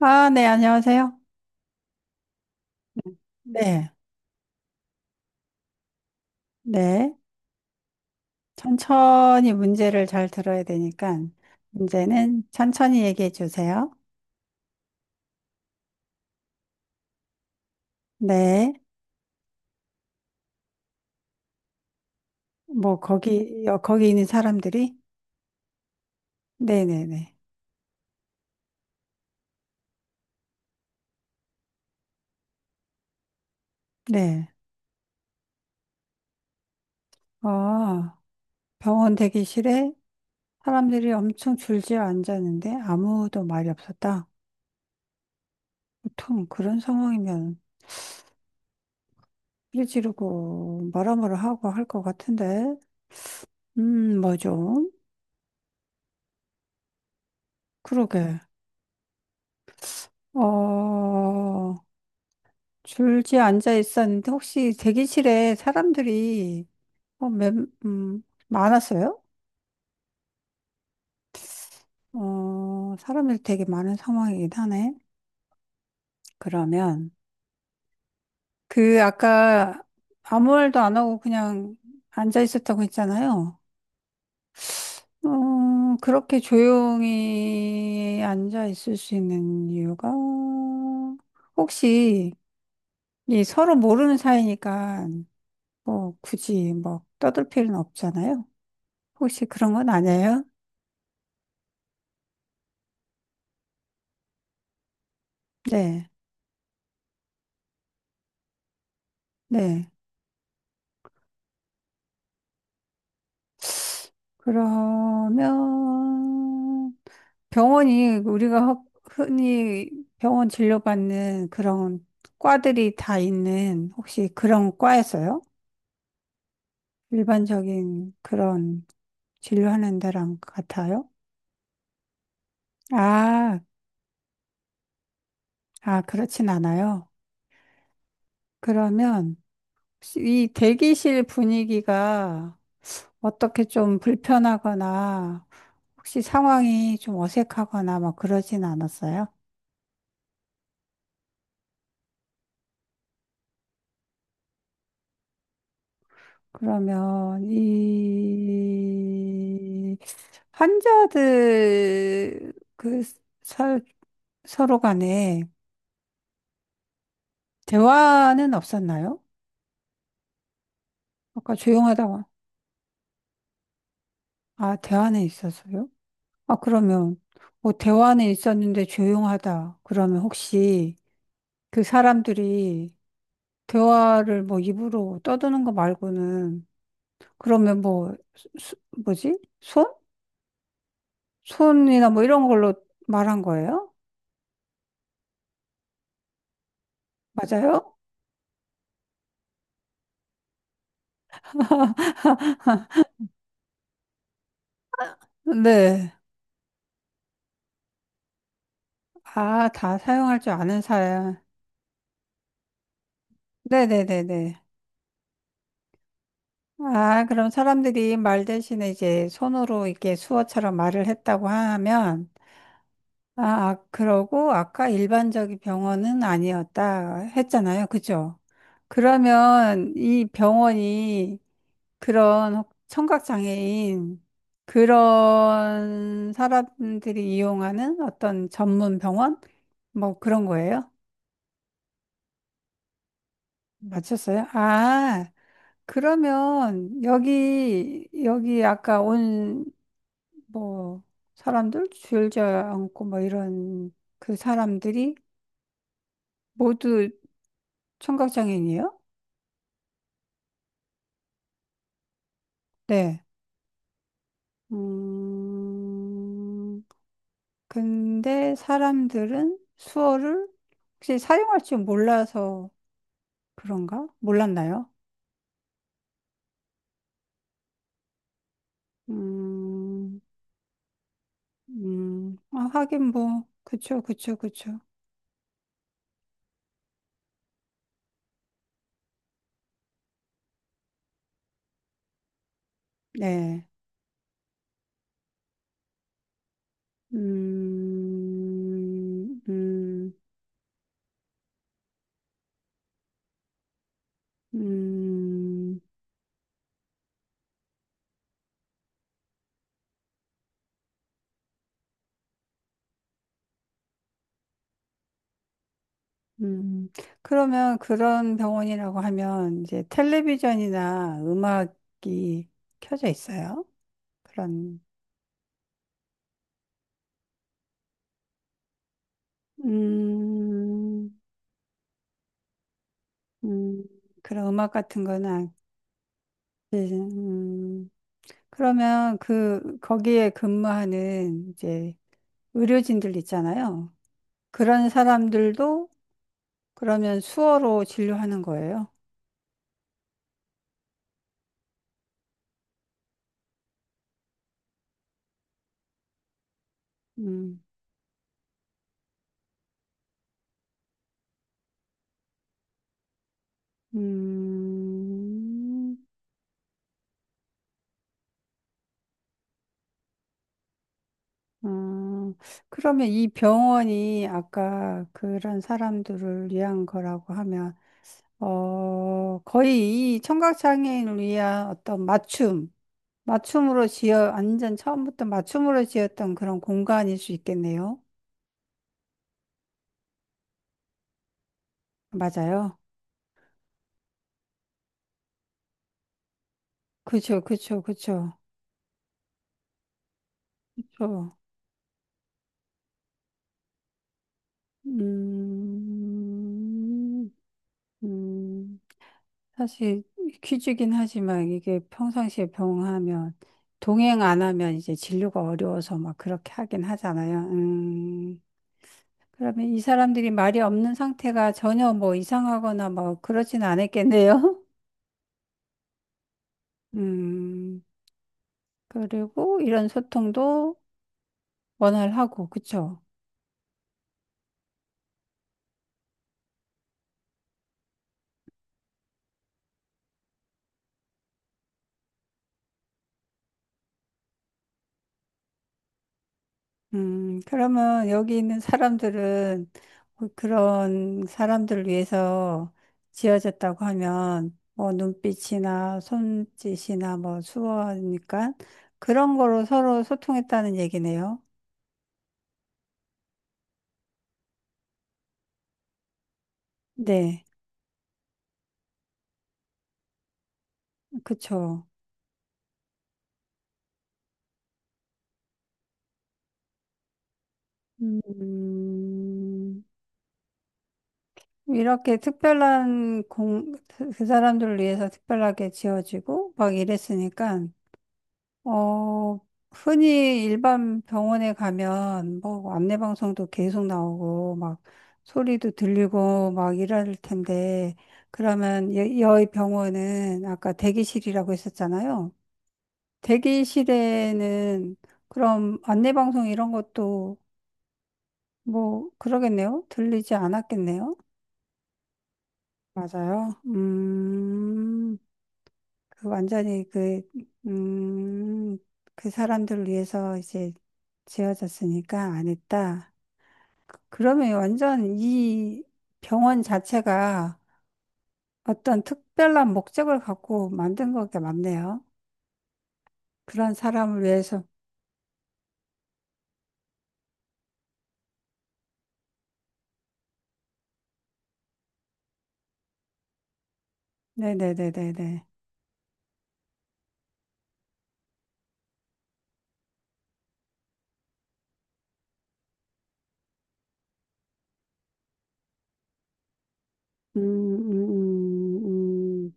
아, 네, 안녕하세요. 네, 네. 천천히 문제를 잘 들어야 되니까, 문제는 천천히 얘기해 주세요. 네, 뭐, 거기, 거기 있는 사람들이? 네네네. 네. 아, 병원 대기실에 사람들이 엄청 줄지어 앉았는데 아무도 말이 없었다. 보통 그런 상황이면 삐 지르고 뭐라뭐라 하고 할 것 같은데, 뭐 좀, 그러게. 어, 줄지에 앉아 있었는데 혹시 대기실에 사람들이 몇, 음, 많았어요? 어, 사람들이 되게 많은 상황이긴 하네. 그러면 그 아까 아무 말도 안 하고 그냥 앉아 있었다고 했잖아요. 어, 그렇게 조용히 앉아 있을 수 있는 이유가 혹시 이 서로 모르는 사이니까 뭐 굳이 뭐 떠들 필요는 없잖아요. 혹시 그런 건 아니에요? 네, 네. 그러면 병원이 우리가 흔히 병원 진료받는 그런 과들이 다 있는 혹시 그런 과에서요? 일반적인 그런 진료하는 데랑 같아요? 아, 아, 그렇진 않아요. 그러면 혹시 이 대기실 분위기가 어떻게 좀 불편하거나 혹시 상황이 좀 어색하거나 막 그러진 않았어요? 그러면 이 환자들 서, 서로 간에 대화는 없었나요? 아까 조용하다고. 아, 대화는 있었어요? 아, 그러면 뭐 대화는 있었는데 조용하다. 그러면 혹시 그 사람들이 대화를 뭐 입으로 떠드는 거 말고는 그러면 수- 뭐지? 손? 손이나 뭐 이런 걸로 말한 거예요? 맞아요? 네. 아, 다 사용할 줄 아는 사람. 네네네네. 아, 그럼 사람들이 말 대신에 이제 손으로 이렇게 수어처럼 말을 했다고 하면, 아, 아, 그러고 아까 일반적인 병원은 아니었다 했잖아요. 그죠? 그러면 이 병원이 그런 청각장애인 그런 사람들이 이용하는 어떤 전문 병원? 뭐 그런 거예요? 맞췄어요? 아. 그러면 여기 아까 온 뭐 사람들 줄지 않고 뭐 이런 그 사람들이 모두 청각장애인이에요? 네. 음, 근데 사람들은 수어를 혹시 사용할 줄 몰라서 그런가? 몰랐나요? 음, 아, 하긴 뭐, 그쵸, 그쵸, 그쵸. 네. 음, 음. 음, 음. 그러면 그런 병원이라고 하면 이제 텔레비전이나 음악이 켜져 있어요? 그런, 음, 음, 그런 음악 같은 거는 안, 켜지. 음. 그러면 그, 거기에 근무하는 이제 의료진들 있잖아요. 그런 사람들도 그러면 수어로 진료하는 거예요. 음, 음. 음, 그러면 이 병원이 아까 그런 사람들을 위한 거라고 하면, 어, 거의 이 청각장애인을 위한 어떤 맞춤, 맞춤으로 지어, 완전 처음부터 맞춤으로 지었던 그런 공간일 수 있겠네요. 맞아요. 그쵸, 그쵸, 그쵸, 그쵸. 음, 음. 사실 퀴즈긴 하지만 이게 평상시에 병하면 동행 안 하면 이제 진료가 어려워서 막 그렇게 하긴 하잖아요. 그러면 이 사람들이 말이 없는 상태가 전혀 뭐 이상하거나 뭐 그러진 않았겠네요. 음, 그리고 이런 소통도 원활하고, 그쵸? 그러면 여기 있는 사람들은 그런 사람들을 위해서 지어졌다고 하면 뭐 눈빛이나 손짓이나 뭐 수어니까 그런 거로 서로 소통했다는 얘기네요. 네, 그쵸. 음, 이렇게 특별한 공, 그 사람들을 위해서 특별하게 지어지고 막 이랬으니까 어, 흔히 일반 병원에 가면 뭐 안내방송도 계속 나오고 막 소리도 들리고 막 이럴 텐데 그러면 여의 병원은 아까 대기실이라고 했었잖아요. 대기실에는 그럼 안내방송 이런 것도 뭐 그러겠네요. 들리지 않았겠네요. 맞아요. 음. 그 완전히 그, 음, 그 사람들을 위해서 이제 지어졌으니까 안 했다. 그러면 완전 이 병원 자체가 어떤 특별한 목적을 갖고 만든 것 같네요. 그런 사람을 위해서. 네네네네네. 음, 음, 음,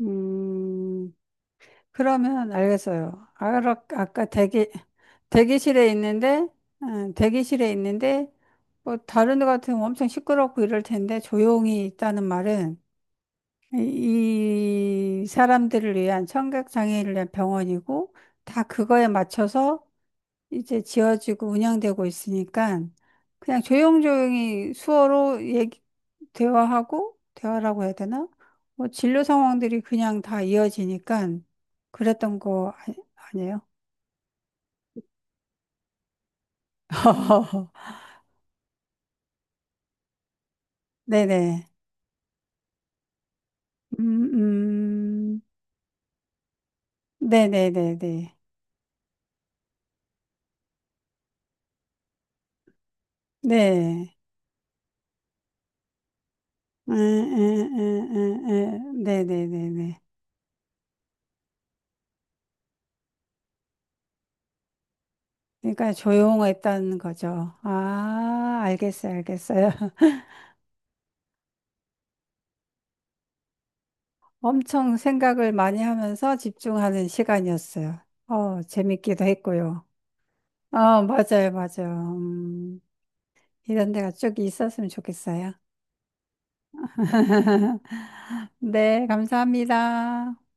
음, 음. 그러면 알겠어요. 아까, 아까 대기, 대기실에 있는데, 대기실에 있는데, 뭐 다른 데 같으면 엄청 시끄럽고 이럴 텐데 조용히 있다는 말은 이 사람들을 위한 청각 장애인을 위한 병원이고 다 그거에 맞춰서 이제 지어지고 운영되고 있으니까 그냥 조용조용히 수어로 얘기, 대화하고, 대화라고 해야 되나? 뭐 진료 상황들이 그냥 다 이어지니까 그랬던 거 아니, 아니에요? 네네. 음, 음, 네네네네. 네. 네네네네. 그러니까 조용했다는 거죠. 아, 알겠어요, 알겠어요. 엄청 생각을 많이 하면서 집중하는 시간이었어요. 어, 재밌기도 했고요. 어, 맞아요, 맞아요. 이런 데가 쭉 있었으면 좋겠어요. 네, 감사합니다.